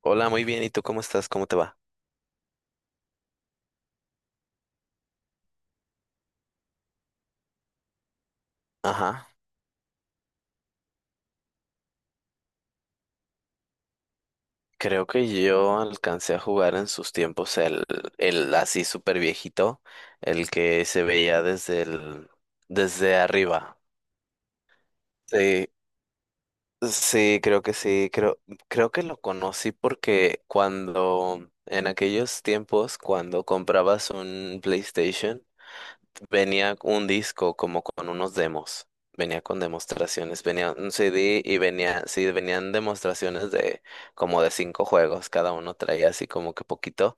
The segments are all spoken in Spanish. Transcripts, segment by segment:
Hola, muy bien. ¿Y tú cómo estás? ¿Cómo te va? Ajá. Creo que yo alcancé a jugar en sus tiempos el así súper viejito, el que se veía desde arriba. Sí, sí, creo que sí. Creo que lo conocí porque cuando, en aquellos tiempos, cuando comprabas un PlayStation, venía un disco como con unos demos, venía con demostraciones, venía un CD y venía, sí, venían demostraciones de como de cinco juegos, cada uno traía así como que poquito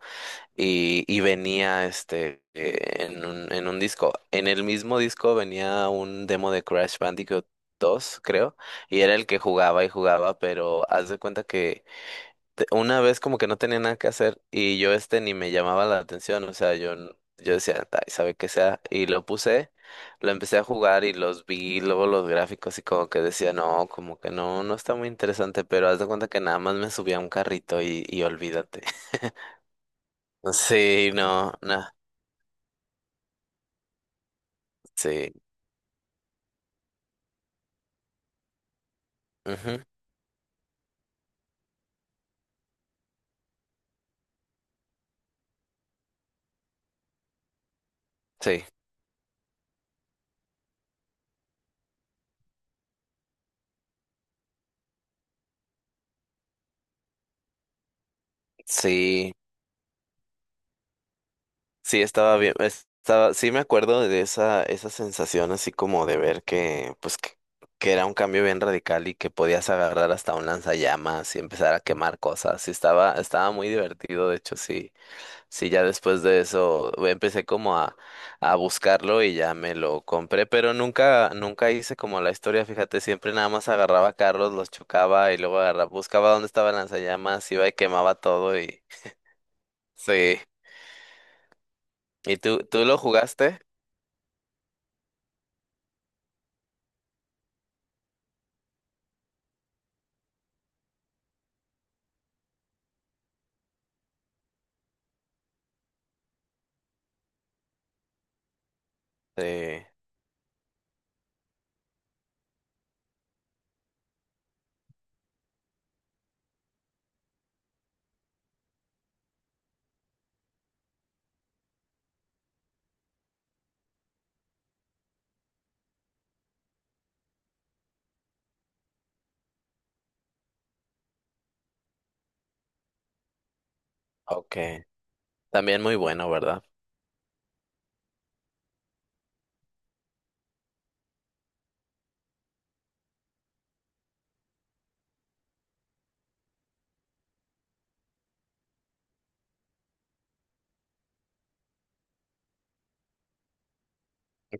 y venía este en un disco. En el mismo disco venía un demo de Crash Bandicoot 2, creo, y era el que jugaba y jugaba, pero haz de cuenta que una vez como que no tenía nada que hacer y yo este ni me llamaba la atención, o sea, yo decía, ay, sabe qué sea, y lo puse, lo empecé a jugar y los vi, luego los gráficos y como que decía, no, como que no, no está muy interesante, pero haz de cuenta que nada más me subía a un carrito y olvídate. Sí, no, no, sí, ujú, sí, sí. Sí, estaba bien, sí me acuerdo de esa sensación así como de ver que, pues, que era un cambio bien radical y que podías agarrar hasta un lanzallamas y empezar a quemar cosas. Sí, estaba muy divertido, de hecho, sí, sí, ya después de eso empecé como a buscarlo y ya me lo compré, pero nunca, nunca hice como la historia, fíjate, siempre nada más agarraba carros, los chocaba y luego buscaba dónde estaba el lanzallamas, iba y quemaba todo y sí. ¿Y tú lo jugaste? Sí. Okay, también muy bueno, ¿verdad?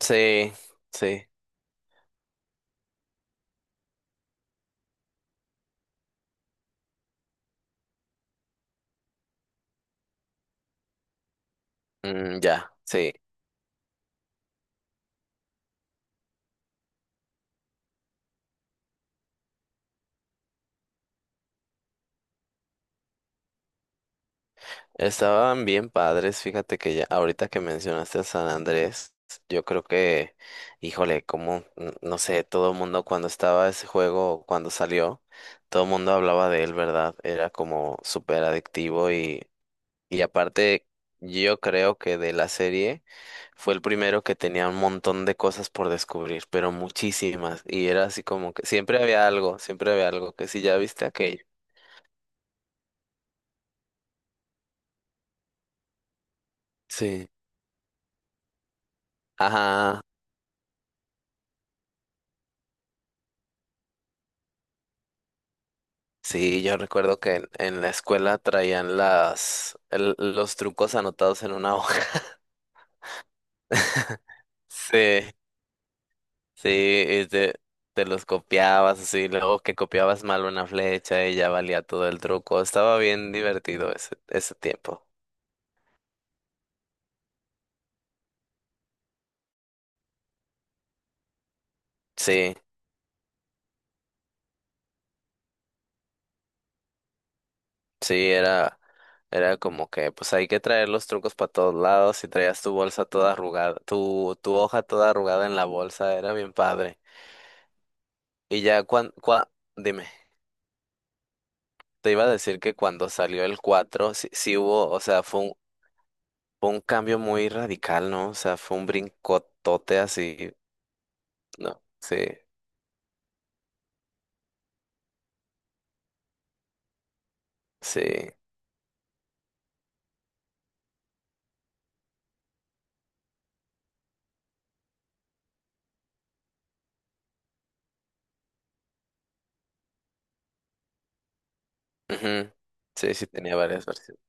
Sí, sí, mm, ya, sí. Estaban bien padres, fíjate que ya, ahorita que mencionaste a San Andrés, yo creo que, híjole, como, no sé, todo el mundo cuando estaba ese juego, cuando salió, todo el mundo hablaba de él, ¿verdad? Era como súper adictivo y aparte, yo creo que de la serie. Fue el primero que tenía un montón de cosas por descubrir, pero muchísimas. Y era así como que siempre había algo, que si ya viste aquello. Sí. Ajá. Sí, yo recuerdo que en la escuela traían los trucos anotados en una hoja. Sí, sí, y te los copiabas así, luego que copiabas mal una flecha y ya valía todo el truco. Estaba bien divertido ese, ese tiempo. Sí. Sí, era como que pues hay que traer los trucos para todos lados y traías tu bolsa toda arrugada, tu hoja toda arrugada en la bolsa, era bien padre. Y ya cuando, dime, te iba a decir que cuando salió el 4 sí, sí hubo, o sea, fue un, cambio muy radical, ¿no? O sea, fue un brincotote así, ¿no? Sí, sí, ujú, sí, sí tenía varias versiones.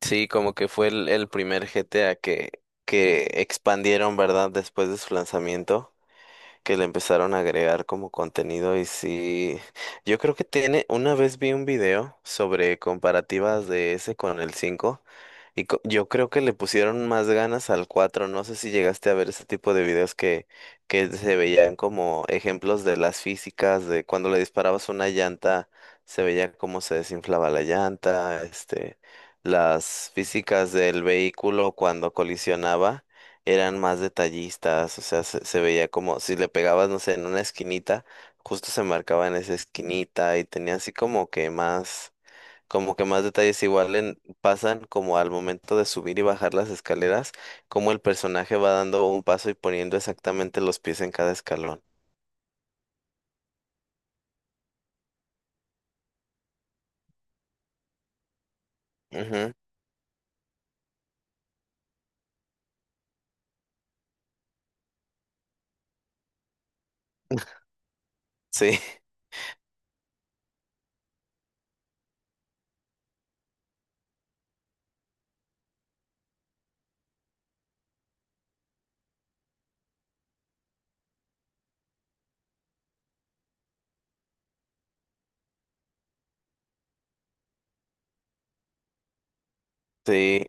Sí, como que fue el primer GTA que expandieron, ¿verdad? Después de su lanzamiento, que le empezaron a agregar como contenido y sí, yo creo que tiene, una vez vi un video sobre comparativas de ese con el 5 y yo creo que le pusieron más ganas al cuatro, no sé si llegaste a ver ese tipo de videos que se veían como ejemplos de las físicas, de cuando le disparabas una llanta, se veía cómo se desinflaba la llanta, este, las físicas del vehículo cuando colisionaba eran más detallistas, o sea, se veía como si le pegabas, no sé, en una esquinita, justo se marcaba en esa esquinita y tenía así como que más detalles igual en, pasan como al momento de subir y bajar las escaleras, como el personaje va dando un paso y poniendo exactamente los pies en cada escalón. Ujú, sí, sí.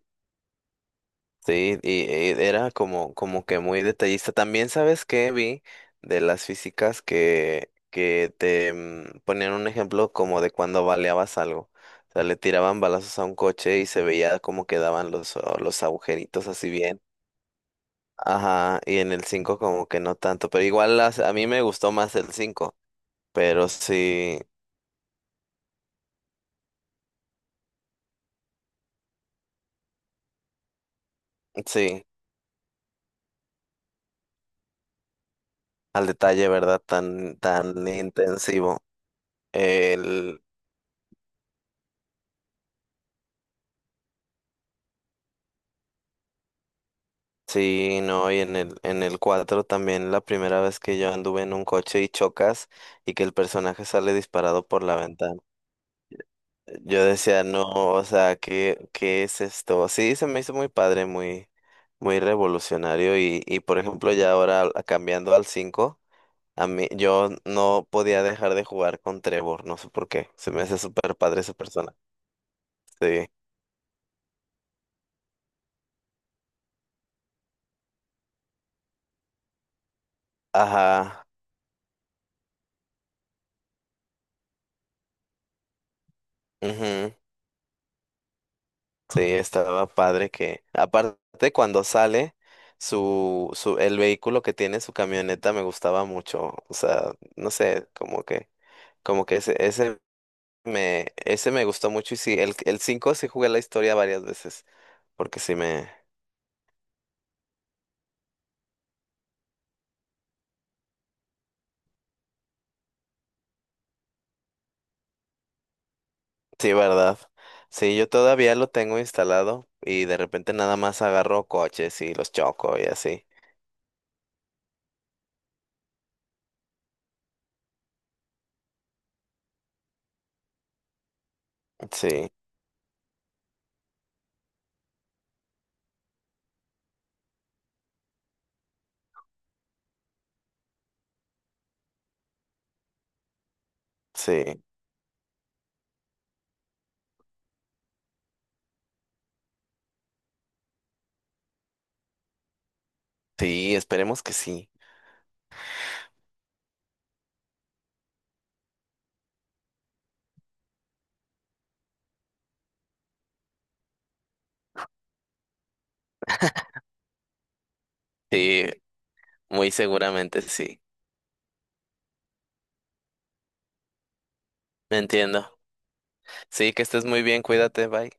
Sí, y, era como que muy detallista. También sabes que vi de las físicas que te ponían un ejemplo como de cuando baleabas algo. O sea, le tiraban balazos a un coche y se veía como quedaban los agujeritos así bien. Ajá, y en el 5 como que no tanto, pero igual a mí me gustó más el cinco, pero sí, sí, al detalle, ¿verdad? Tan, tan intensivo. El Sí, no, y en el, 4 también la primera vez que yo anduve en un coche y chocas y que el personaje sale disparado por la ventana. Yo decía, no, o sea, ¿qué, qué es esto? Sí, se me hizo muy padre, muy, muy revolucionario y por ejemplo ya ahora cambiando al cinco, a mí yo no podía dejar de jugar con Trevor, no sé por qué, se me hace súper padre esa persona. Sí, ajá, ujú. Sí, estaba padre que, aparte cuando sale, el vehículo que tiene su camioneta me gustaba mucho. O sea, no sé, como que, ese me gustó mucho. Y sí, el 5 sí jugué la historia varias veces. Porque sí me, sí, verdad. Sí, yo todavía lo tengo instalado y de repente nada más agarro coches y los choco y así. Sí, sí, sí, esperemos que sí. Sí, muy seguramente sí. Me entiendo. Sí, que estés muy bien, cuídate, bye.